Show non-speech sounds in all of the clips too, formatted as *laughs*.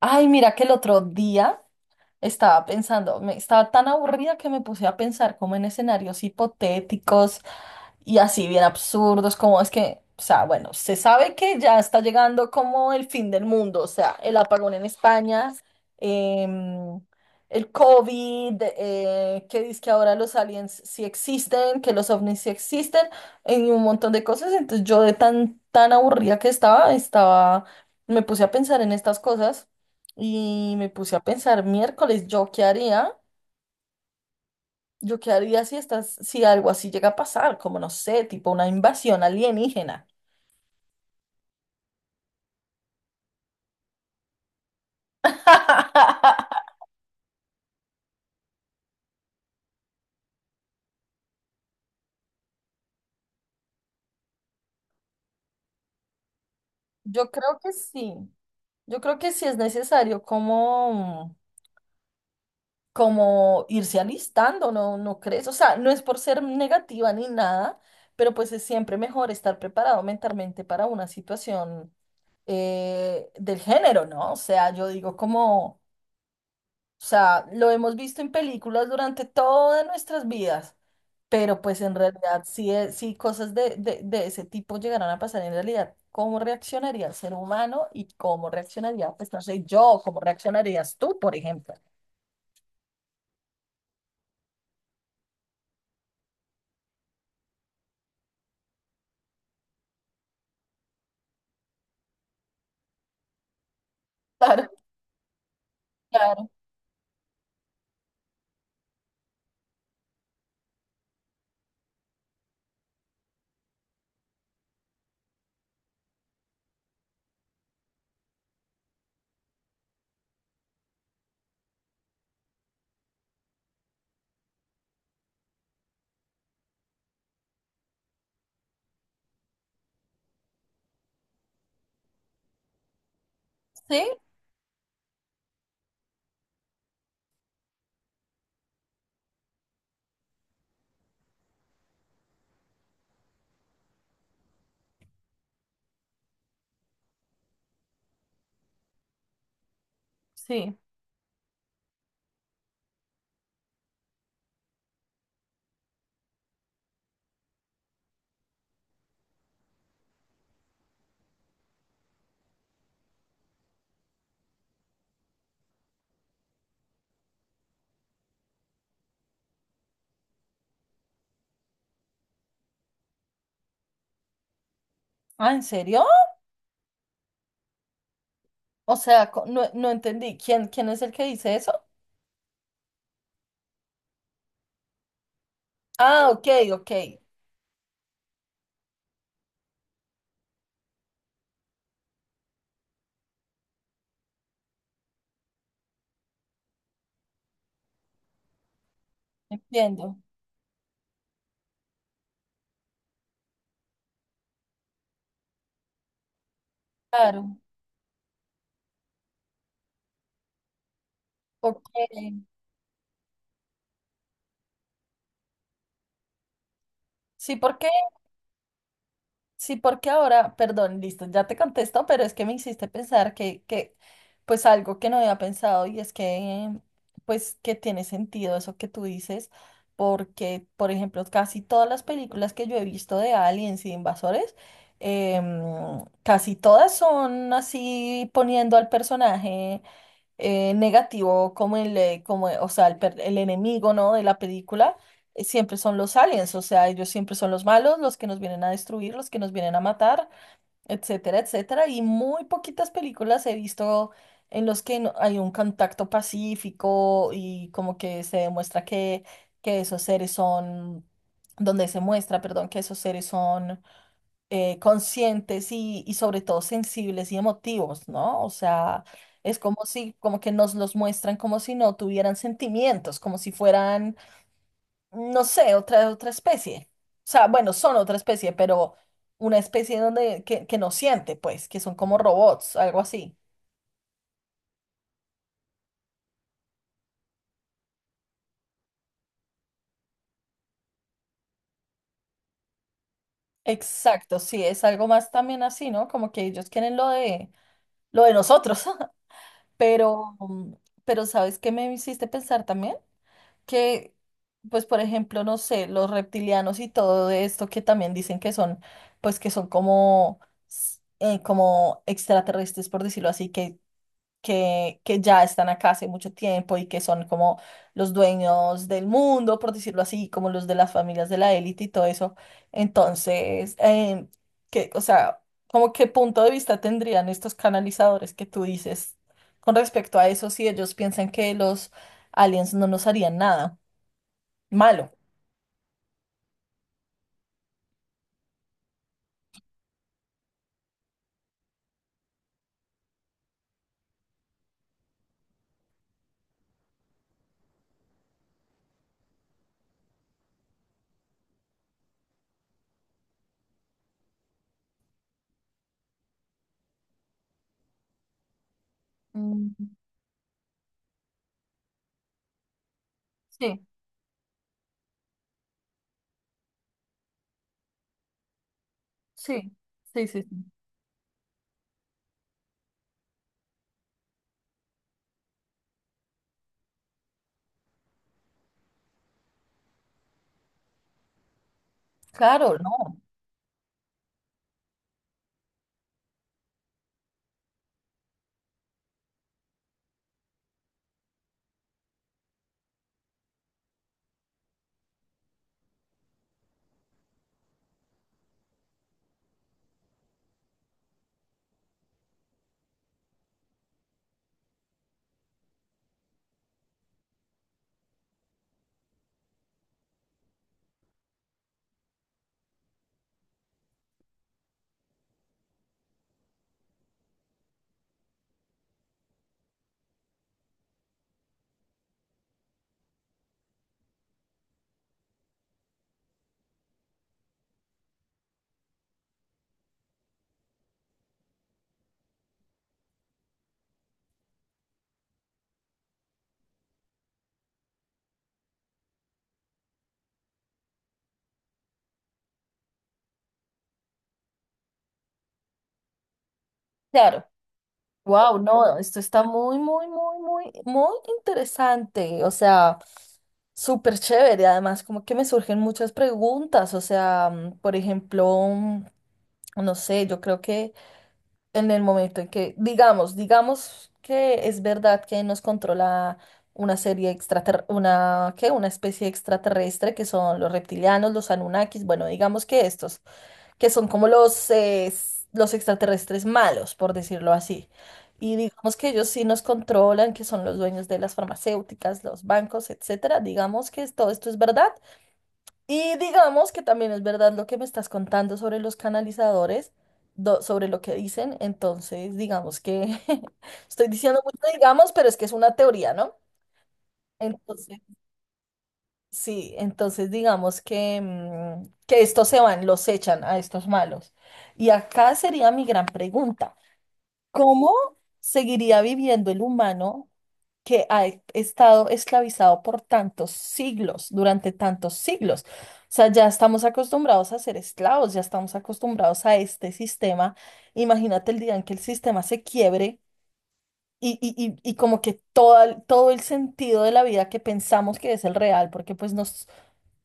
Ay, mira que el otro día estaba pensando, me estaba tan aburrida que me puse a pensar como en escenarios hipotéticos y así bien absurdos, como es que, o sea, bueno, se sabe que ya está llegando como el fin del mundo, o sea, el apagón en España, em, el COVID, que dice que ahora los aliens sí existen, que los ovnis sí existen, y un montón de cosas. Entonces yo de tan aburrida que estaba, me puse a pensar en estas cosas y me puse a pensar miércoles, ¿yo qué haría? Yo qué haría si estás, si algo así llega a pasar, como no sé, tipo una invasión alienígena. *laughs* Yo creo que sí. Yo creo que sí es necesario como, como irse alistando, ¿no? ¿No crees? O sea, no es por ser negativa ni nada, pero pues es siempre mejor estar preparado mentalmente para una situación del género, ¿no? O sea, yo digo como, o sea, lo hemos visto en películas durante todas nuestras vidas. Pero pues en realidad, si cosas de ese tipo llegaran a pasar en realidad, ¿cómo reaccionaría el ser humano y cómo reaccionaría, pues no sé, yo, cómo reaccionarías tú, por ejemplo? Claro, claro. Sí, sí. Ah, ¿en serio? O sea, no, no entendí. ¿Quién es el que dice eso? Ah, ok, ok. Entiendo. Claro. Ok. Sí, porque sí, porque ahora, perdón, listo, ya te contesto, pero es que me hiciste pensar pues algo que no había pensado, y es que pues que tiene sentido eso que tú dices, porque, por ejemplo, casi todas las películas que yo he visto de aliens y de invasores, em, casi todas son así poniendo al personaje negativo como como, o sea, el enemigo, ¿no?, de la película. Siempre son los aliens, o sea, ellos siempre son los malos, los que nos vienen a destruir, los que nos vienen a matar, etcétera, etcétera. Y muy poquitas películas he visto en los que hay un contacto pacífico y como que se demuestra que esos seres son, donde se muestra, perdón, que esos seres son conscientes y sobre todo sensibles y emotivos, ¿no? O sea, es como si, como que nos los muestran como si no tuvieran sentimientos, como si fueran, no sé, otra, otra especie. O sea, bueno, son otra especie, pero una especie donde, que no siente, pues, que son como robots, algo así. Exacto, sí, es algo más también así, ¿no? Como que ellos quieren lo de nosotros. *laughs* pero, pero ¿sabes qué me hiciste pensar también? Que pues por ejemplo, no sé, los reptilianos y todo esto que también dicen que son, pues que son como, como extraterrestres, por decirlo así, que ya están acá hace mucho tiempo y que son como los dueños del mundo, por decirlo así, como los de las familias de la élite y todo eso. Entonces, que, o sea, ¿como qué punto de vista tendrían estos canalizadores que tú dices con respecto a eso si ellos piensan que los aliens no nos harían nada? Malo. Mm, sí, sí, sí, sí, sí. Claro, no, claro. Wow, no, esto está muy, muy, muy, muy, muy interesante. O sea, súper chévere. Además, como que me surgen muchas preguntas. O sea, mm, por ejemplo, mm, no sé, yo creo que en el momento en que, digamos, digamos que es verdad que nos controla una serie extraterrestre, una, ¿qué?, una especie extraterrestre que son los reptilianos, los Anunnakis, bueno, digamos que estos, que son como los, los extraterrestres malos, por decirlo así. Y digamos que ellos sí nos controlan, que son los dueños de las farmacéuticas, los bancos, etcétera. Digamos que todo esto es verdad. Y digamos que también es verdad lo que me estás contando sobre los canalizadores, sobre lo que dicen. Entonces, digamos que *laughs* estoy diciendo mucho, digamos, pero es que es una teoría, ¿no? Entonces, sí, entonces digamos que, mm, que estos se van, los echan a estos malos. Y acá sería mi gran pregunta. ¿Cómo seguiría viviendo el humano que ha estado esclavizado por tantos siglos, durante tantos siglos? O sea, ya estamos acostumbrados a ser esclavos, ya estamos acostumbrados a este sistema. Imagínate el día en que el sistema se quiebre. Y, y, y como que todo, todo el sentido de la vida que pensamos que es el real, porque pues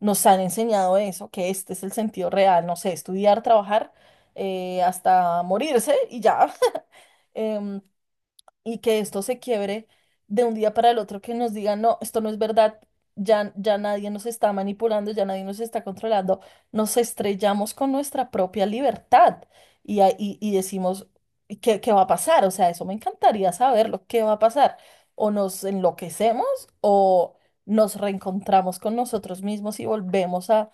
nos han enseñado eso, que este es el sentido real, no sé, estudiar, trabajar hasta morirse y ya. *laughs* Em, y que esto se quiebre de un día para el otro, que nos digan, no, esto no es verdad, ya, ya nadie nos está manipulando, ya nadie nos está controlando, nos estrellamos con nuestra propia libertad y decimos, "¿Y ¿qué, qué va a pasar? O sea, eso me encantaría saberlo, ¿qué va a pasar? O nos enloquecemos o nos reencontramos con nosotros mismos y volvemos a,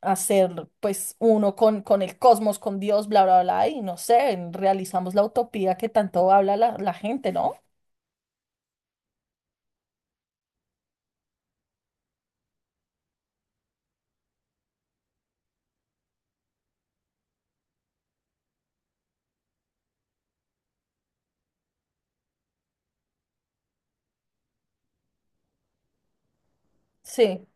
hacer pues uno con el cosmos, con Dios, bla, bla, bla, y no sé, realizamos la utopía que tanto habla la, la gente, ¿no? Sí,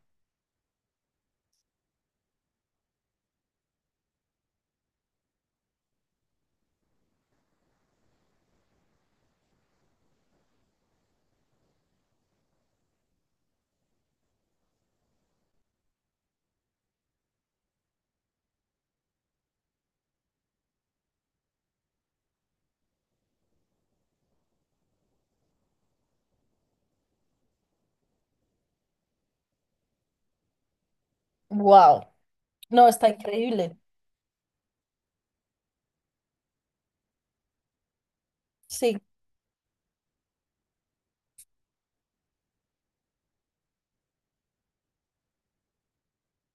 wow, no, está increíble, sí,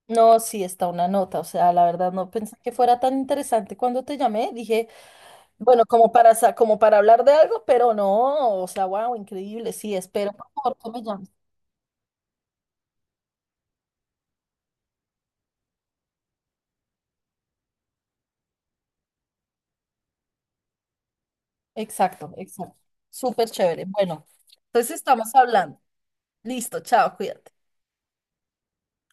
no, sí, está una nota, o sea, la verdad no pensé que fuera tan interesante cuando te llamé, dije, bueno, como para, como para hablar de algo, pero no, o sea, wow, increíble, sí, espero por favor que me llames. Exacto, exacto, súper chévere, bueno, entonces estamos hablando, listo, chao, cuídate.